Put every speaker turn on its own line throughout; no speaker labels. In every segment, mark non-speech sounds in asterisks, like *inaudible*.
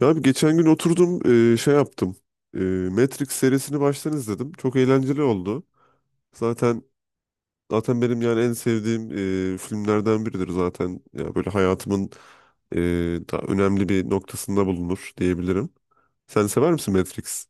Ya abi, geçen gün oturdum, şey yaptım. E, Matrix serisini baştan izledim. Çok eğlenceli oldu. Zaten zaten benim, yani en sevdiğim filmlerden biridir zaten. Ya böyle hayatımın e, daha önemli bir noktasında bulunur diyebilirim. Sen sever misin Matrix?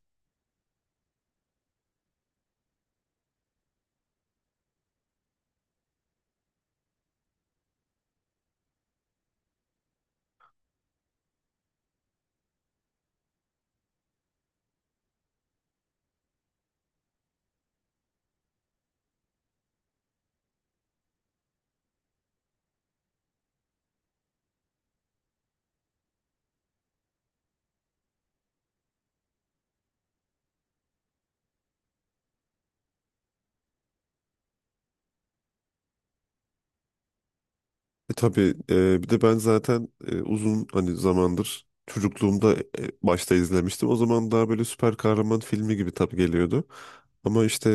Tabii, bir de ben zaten uzun, hani, zamandır çocukluğumda başta izlemiştim. O zaman daha böyle süper kahraman filmi gibi tabii geliyordu. Ama işte,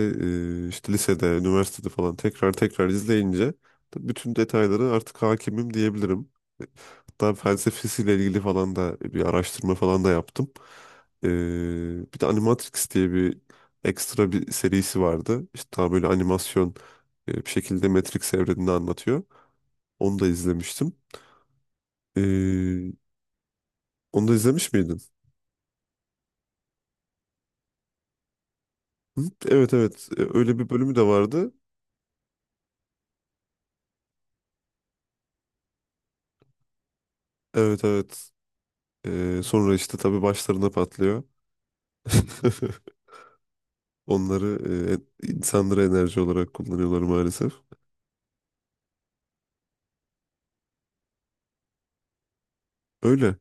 işte lisede, üniversitede falan tekrar tekrar izleyince tabii bütün detayları artık hakimim diyebilirim. E, Hatta felsefesiyle ilgili falan da bir araştırma falan da yaptım. E, Bir de Animatrix diye bir ekstra bir serisi vardı. İşte daha böyle animasyon, bir şekilde Matrix evrenini anlatıyor. Onu da izlemiştim. Ee, Onu da izlemiş miydin? Hı? Evet, evet. Öyle bir bölümü de vardı. Evet, evet. Sonra işte tabii başlarına patlıyor. *laughs* Onları, insanlara enerji olarak kullanıyorlar maalesef. Öyle.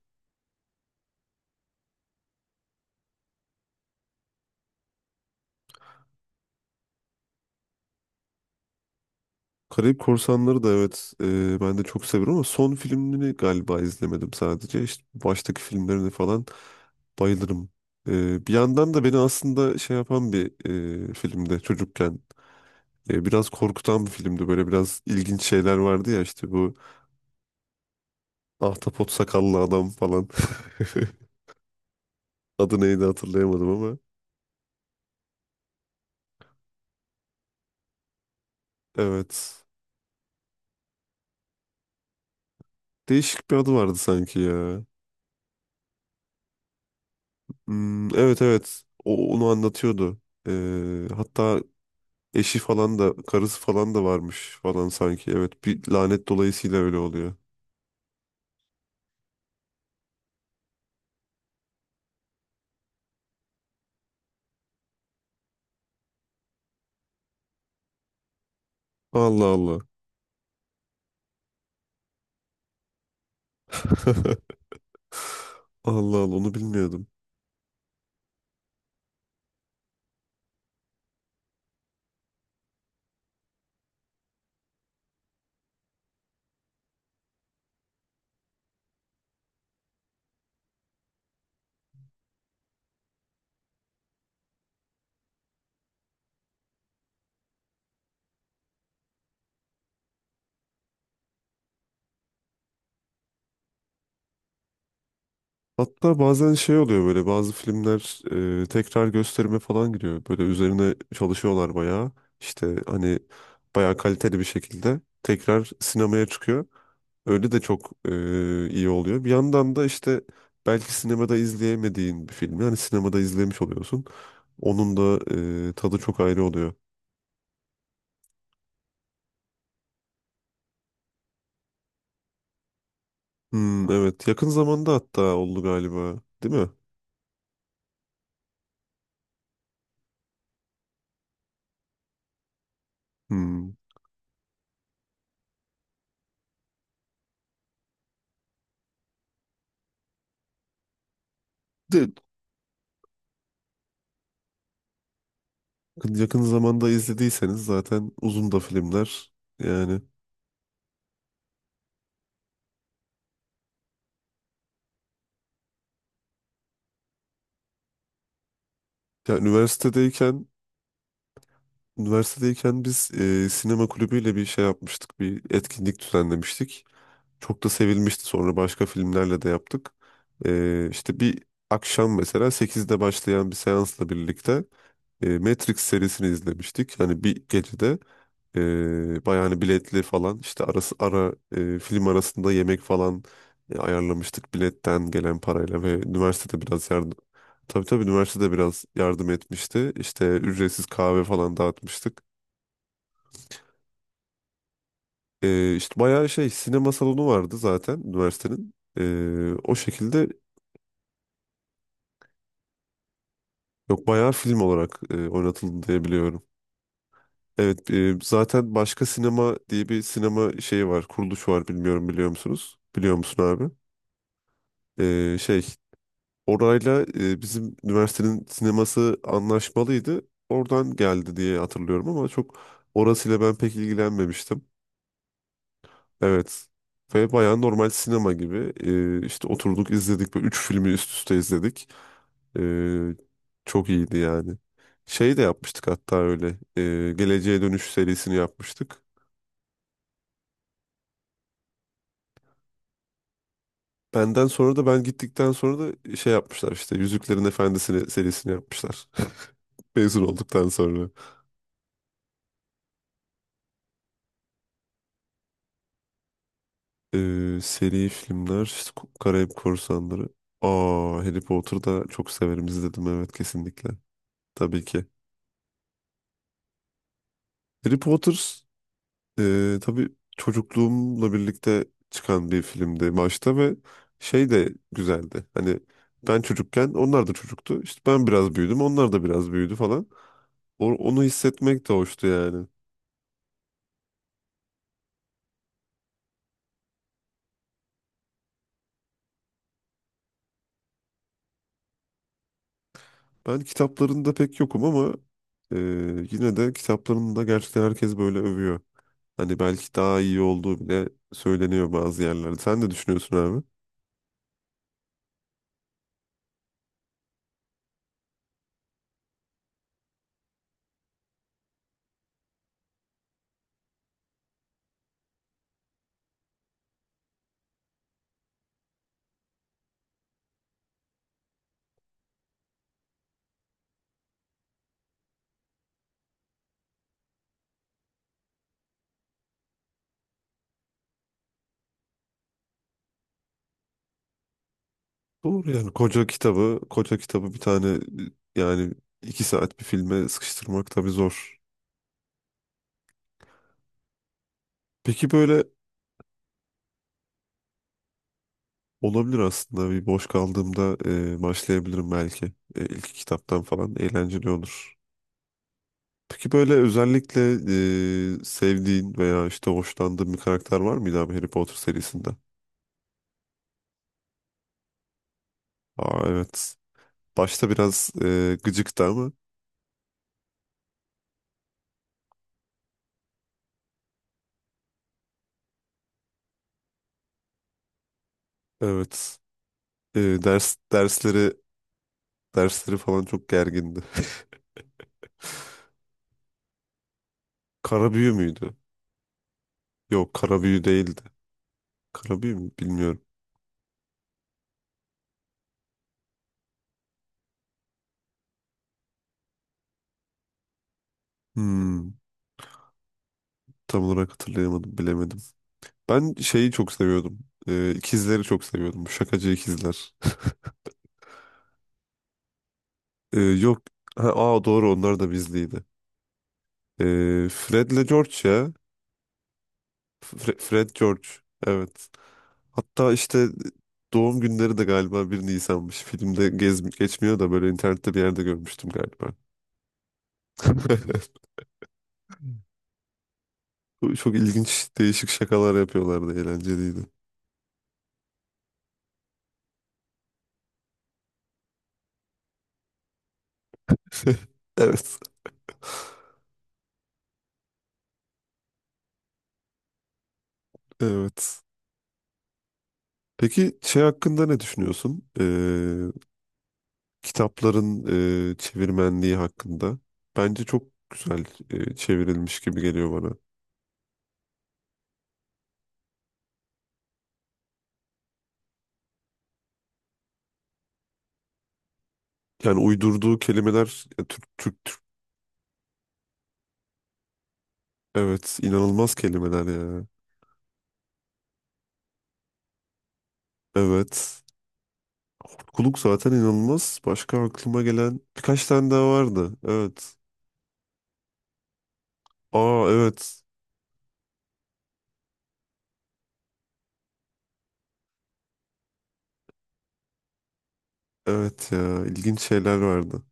Karayip Korsanları da, evet, ben de çok severim ama son filmini galiba izlemedim sadece. İşte baştaki filmlerini falan bayılırım. Bir yandan da beni aslında şey yapan bir, filmde çocukken, biraz korkutan bir filmdi. Böyle biraz ilginç şeyler vardı ya, işte bu ahtapot sakallı adam falan. *laughs* Adı neydi hatırlayamadım ama. Evet. Değişik bir adı vardı sanki ya. Hmm, evet, evet. Onu anlatıyordu. Hatta eşi falan da karısı falan da varmış falan sanki. Evet, bir lanet dolayısıyla öyle oluyor. Allah Allah. *laughs* Allah Allah, onu bilmiyordum. Hatta bazen şey oluyor, böyle bazı filmler tekrar gösterime falan giriyor. Böyle üzerine çalışıyorlar bayağı. İşte hani bayağı kaliteli bir şekilde tekrar sinemaya çıkıyor. Öyle de çok iyi oluyor. Bir yandan da işte belki sinemada izleyemediğin bir filmi hani sinemada izlemiş oluyorsun. Onun da tadı çok ayrı oluyor. Hmm, evet, yakın zamanda hatta oldu galiba, değil mi? Hmm. De, Yakın zamanda izlediyseniz zaten uzun da filmler yani. Ya, üniversitedeyken biz, sinema kulübüyle bir şey yapmıştık. Bir etkinlik düzenlemiştik. Çok da sevilmişti. Sonra başka filmlerle de yaptık. İşte bir akşam, mesela 8'de başlayan bir seansla birlikte Matrix serisini izlemiştik. Hani bir gecede bayağı, hani, biletli falan, işte ara, film arasında yemek falan ayarlamıştık biletten gelen parayla, ve üniversitede biraz yardım, tabii, tabii üniversitede biraz yardım etmişti. İşte ücretsiz kahve falan dağıtmıştık. İşte bayağı şey, sinema salonu vardı zaten üniversitenin. O şekilde, yok, bayağı film olarak oynatıldı diye biliyorum. Evet, zaten Başka Sinema diye bir sinema şeyi var, kuruluş var, bilmiyorum, biliyor musunuz? Biliyor musun abi? Şey, orayla, bizim üniversitenin sineması anlaşmalıydı. Oradan geldi diye hatırlıyorum ama çok orasıyla ben pek ilgilenmemiştim. Evet. Ve bayağı normal sinema gibi, işte oturduk, izledik ve üç filmi üst üste izledik. E, Çok iyiydi yani. Şey de yapmıştık hatta öyle. Geleceğe Dönüş serisini yapmıştık. Ben gittikten sonra da şey yapmışlar, işte Yüzüklerin Efendisi'ni serisini yapmışlar. *laughs* Mezun olduktan sonra. Seri filmler işte, Karayip Korsanları. Aa, Harry Potter'ı da çok severim, izledim, evet, kesinlikle. Tabii ki. Harry Potter, tabii çocukluğumla birlikte çıkan bir filmdi başta, ve şey de güzeldi. Hani ben çocukken onlar da çocuktu. İşte ben biraz büyüdüm, onlar da biraz büyüdü falan. Onu hissetmek de hoştu yani. Ben kitaplarında pek yokum ama e, yine de kitaplarında gerçekten herkes böyle övüyor. Hani belki daha iyi olduğu bile söyleniyor bazı yerlerde. Sen ne düşünüyorsun abi? Doğru, yani koca kitabı bir tane, yani 2 saat bir filme sıkıştırmak tabii zor. Peki, böyle olabilir aslında. Bir boş kaldığımda başlayabilirim belki. İlk kitaptan falan eğlenceli olur. Peki, böyle özellikle sevdiğin veya işte hoşlandığın bir karakter var mıydı abi, Harry Potter serisinde? Aa, evet. Başta biraz gıcıktı ama, evet. E, ders dersleri dersleri falan çok gergindi. *laughs* Karabüyü müydü? Yok, Karabüyü değildi. Karabüyü mü? Bilmiyorum. Hmm, tam olarak hatırlayamadım, bilemedim. Ben şeyi çok seviyordum. İkizleri çok seviyordum. Şakacı ikizler. Yok. Ha, aa, doğru, onlar da bizliydi. E, Fred'le George ya. Fred George. Evet. Hatta işte doğum günleri de galiba 1 Nisan'mış. Filmde gez geçmiyor da böyle internette bir yerde görmüştüm galiba. *laughs* Çok ilginç, değişik şakalar yapıyorlardı, eğlenceliydi. *laughs* Evet, evet. Peki şey hakkında ne düşünüyorsun? Kitapların çevirmenliği hakkında. Bence çok güzel, çevrilmiş gibi geliyor bana. Yani uydurduğu kelimeler ya, Türk. Evet, inanılmaz kelimeler ya. Evet. Kuluk zaten inanılmaz. Başka aklıma gelen birkaç tane daha vardı. Evet. Aa, evet. Evet ya, ilginç şeyler vardı.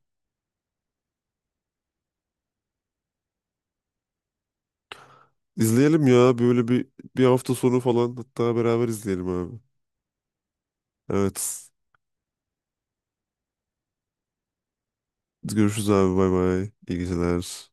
İzleyelim ya, böyle bir hafta sonu falan, hatta beraber izleyelim abi. Evet. Görüşürüz abi, bay bay. İyi geceler.